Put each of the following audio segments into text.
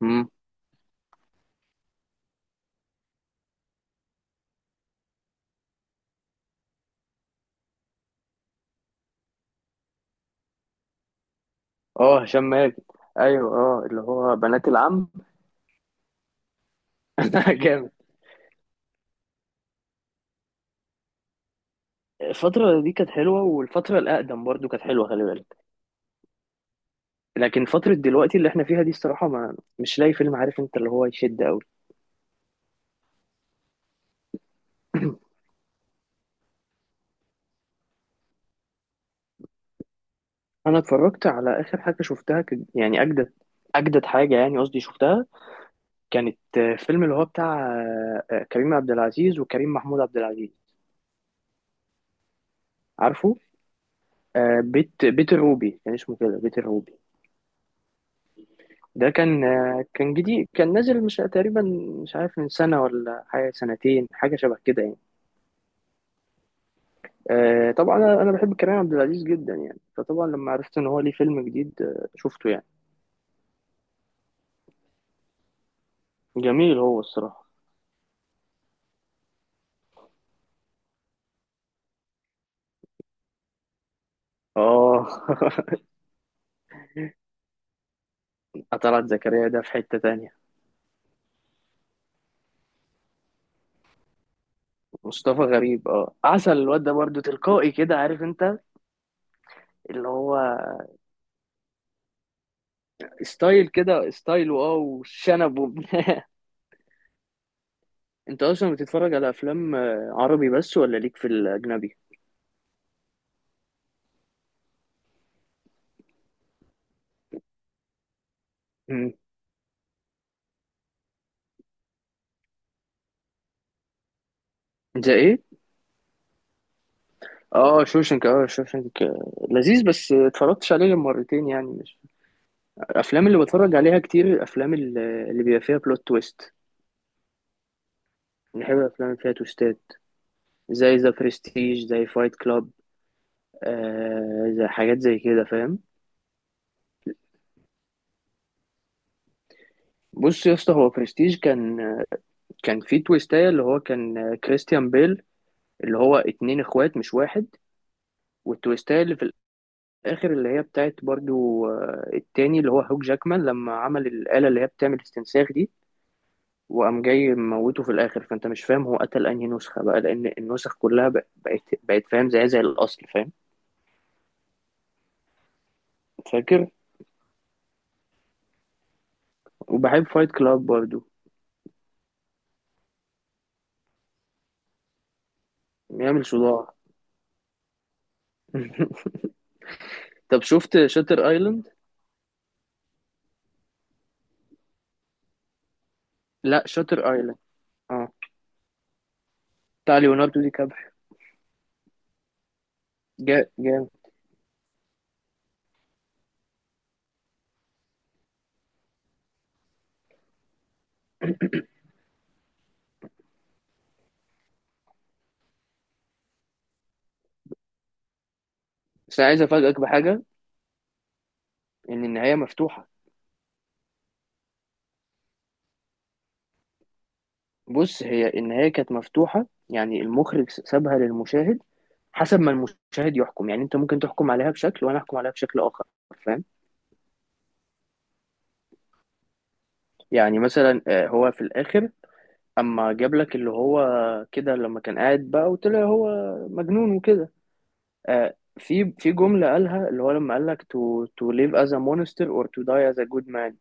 مم. اه، هشام ماجد. ايوه، اه، اللي هو بنات العم. جامد. الفترة دي كانت حلوة، والفترة الأقدم برضو كانت حلوة، خلي بالك. لكن فترة دلوقتي اللي احنا فيها دي الصراحة ما مش لاقي فيلم، عارف انت، اللي هو يشد قوي. انا اتفرجت على آخر حاجة شفتها يعني، أجدد حاجة، يعني قصدي شفتها، كانت فيلم اللي هو بتاع كريم عبد العزيز وكريم محمود عبد العزيز. عارفه، بيت الروبي كان اسمه كده، بيت الروبي. ده كان كان جديد، كان نازل، مش تقريبا، مش عارف من سنة ولا حاجة، سنتين، حاجة شبه كده يعني. طبعا، أنا بحب كريم عبد العزيز جدا يعني، فطبعا لما عرفت إن هو ليه فيلم جديد شفته يعني. جميل هو الصراحة. آه. طلعت زكريا ده في حتة تانية. مصطفى غريب، آه، عسل، الواد ده برضه تلقائي كده، عارف أنت، اللي هو ستايل كده، ستايل واو وشنب أنت أصلا بتتفرج على أفلام عربي بس ولا ليك في الأجنبي؟ مم. زي إيه؟ اه، شوشنك، اه شوشنك. لذيذ بس اتفرجتش عليه غير مرتين يعني، مش الافلام اللي بتفرج عليها كتير. الافلام اللي بيبقى فيها بلوت تويست، بنحب الافلام اللي فيها تويستات، زي ذا برستيج، زي فايت كلاب، آه، زي حاجات زي كده، فاهم. بص يا اسطى، هو برستيج كان، كان فيه تويستاية اللي هو كان كريستيان بيل اللي هو اتنين اخوات مش واحد. والتويستاية اللي في الاخر اللي هي بتاعت برضو التاني اللي هو هوك جاكمان، لما عمل الآلة اللي هي بتعمل استنساخ دي، وقام جاي موته في الاخر، فانت مش فاهم هو قتل انهي نسخه بقى، لان النسخ كلها بقت فاهم، زي الاصل، فاهم. فاكر. وبحب فايت كلاب برضو. يعمل صداع. طب شفت شاتر ايلاند. لا، شاتر ايلاند. اه، بتاع ليوناردو دي كابريو. جا جامد. بس انا عايز افاجئك بحاجه، ان النهايه مفتوحه. بص، هي النهايه كانت مفتوحه، يعني المخرج سابها للمشاهد، حسب ما المشاهد يحكم. يعني انت ممكن تحكم عليها بشكل، وانا احكم عليها بشكل اخر، فاهم. يعني مثلا هو في الاخر، اما جاب لك اللي هو كده، لما كان قاعد بقى وطلع هو مجنون وكده، في جملة قالها اللي هو، لما قال لك to live as a monster or to die as a good man.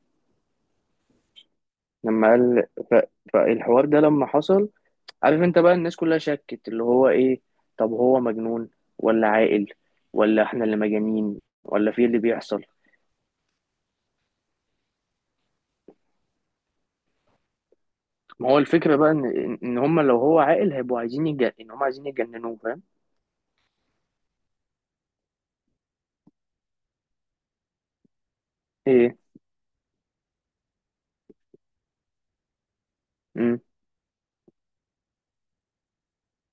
لما قال ف، فالحوار ده لما حصل، عارف انت بقى الناس كلها شكت اللي هو ايه، طب هو مجنون ولا عاقل؟ ولا احنا اللي مجانين ولا في اللي بيحصل. ما هو الفكرة بقى ان هم لو هو عاقل هيبقوا عايزين ان هم عايزين يجننوه، فاهم. ايه.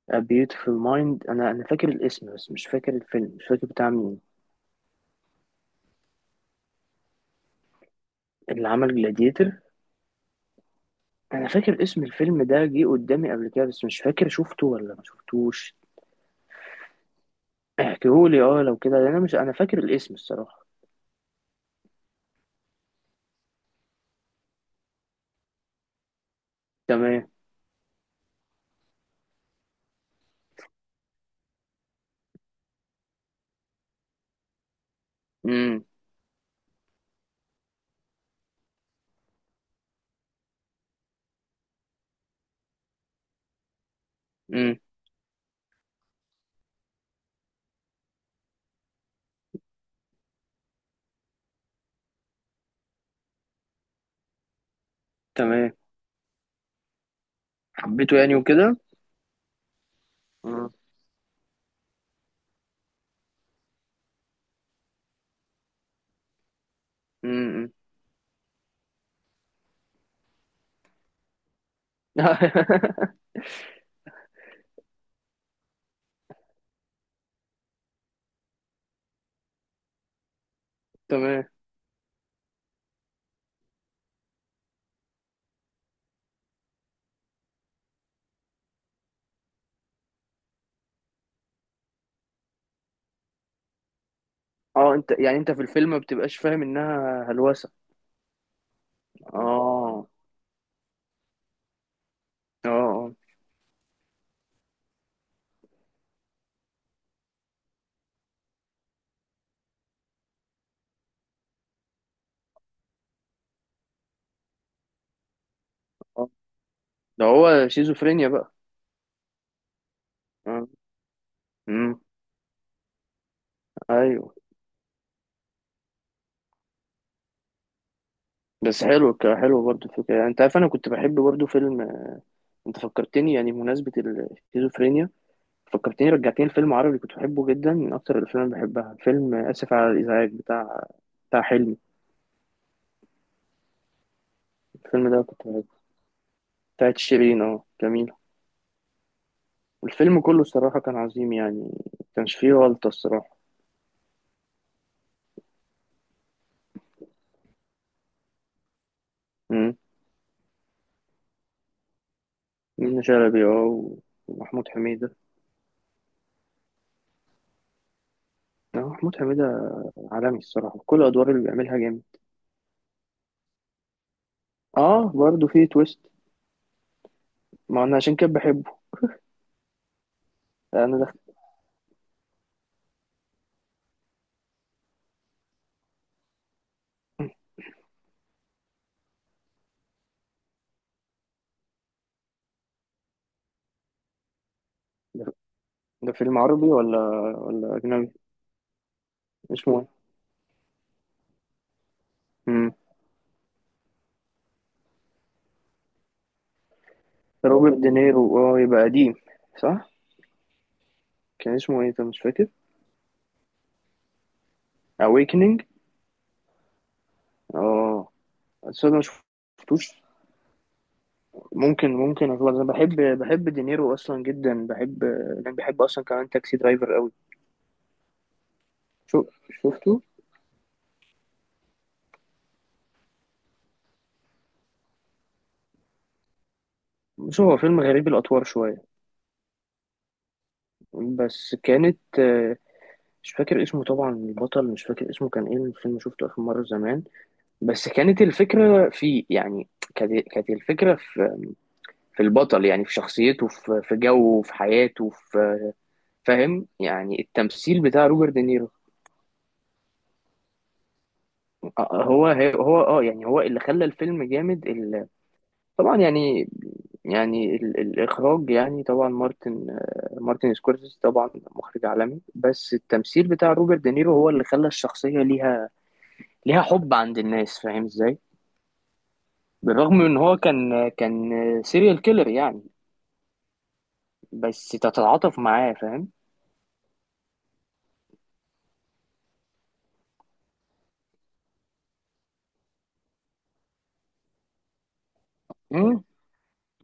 A Beautiful Mind، انا فاكر الاسم بس مش فاكر الفيلم، مش فاكر بتاع مين. اللي عمل جلاديتر؟ انا فاكر اسم الفيلم ده جه قدامي قبل كده، بس مش فاكر شفته ولا ما شفتوش. احكيهولي، اه، لو كده، لأن انا مش، انا فاكر الاسم، الصراحة. تمام. امم. امم. تمام. حبيته يعني وكده. امم. امم. تمام. اه انت يعني انت في الفيلم ما بتبقاش فاهم انها هلوسة. اه. اه. اه. آه. ده هو شيزوفرينيا بقى. اه. امم. ايوه، بس حلو، حلو برضه الفكرة، يعني انت عارف انا كنت بحب برضه فيلم، انت فكرتني يعني بمناسبة الشيزوفرينيا، فكرتني، رجعتني لفيلم عربي كنت بحبه جدا، من اكتر الافلام اللي بحبها، فيلم اسف على الازعاج بتاع حلمي. الفيلم ده كنت بحبه، بتاعت شيرين، اه، جميل. والفيلم كله الصراحة كان عظيم يعني، ما كانش فيه غلطة الصراحة. امم. منة شلبي، اه، ومحمود حميدة. اه، محمود حميدة عالمي الصراحة، كل الأدوار اللي بيعملها جامد. اه برضه فيه تويست. ما انا عشان كده بحبه. انا دخلت. ده فيلم عربي ولا أجنبي؟ اسمه إيه؟ مم. روبرت دينيرو؟ اه، يبقى قديم. صح. كان اسمه إيه أنت مش فاكر؟ أويكنينج. اه. بس أنا مشفتوش. ممكن أخلص، أنا بحب دينيرو أصلا جدا، بحب. يعني بحب أصلا كمان تاكسي درايفر أوي. شو شفته. بص هو فيلم غريب الأطوار شوية، بس كانت مش فاكر اسمه طبعا البطل، مش فاكر اسمه كان ايه الفيلم، شفته آخر مرة زمان. بس كانت الفكرة فيه يعني، كانت الفكرة في، في البطل، يعني في شخصيته، في جوه، في حياته، في، فاهم يعني، التمثيل بتاع روبرت دينيرو. هو، هو اه يعني، هو اللي خلى الفيلم جامد طبعا يعني، يعني الإخراج يعني، طبعا مارتن مارتن سكورسيزي طبعا مخرج عالمي، بس التمثيل بتاع روبرت دينيرو هو اللي خلى الشخصية ليها حب عند الناس، فاهم ازاي. بالرغم من ان هو كان سيريال كيلر يعني، بس تتعاطف معاه، فاهم.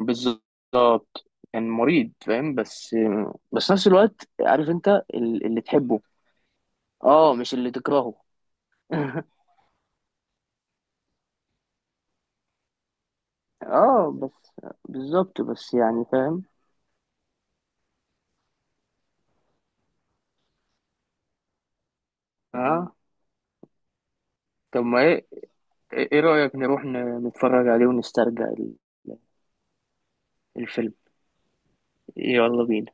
بالظبط. كان مريض فاهم، بس نفس الوقت عارف انت اللي تحبه، اه، مش اللي تكرهه. اه بس. بالظبط بس يعني فاهم. اه طب ما ايه، ايه رأيك نروح نتفرج عليه ونسترجع الفيلم. يلا بينا.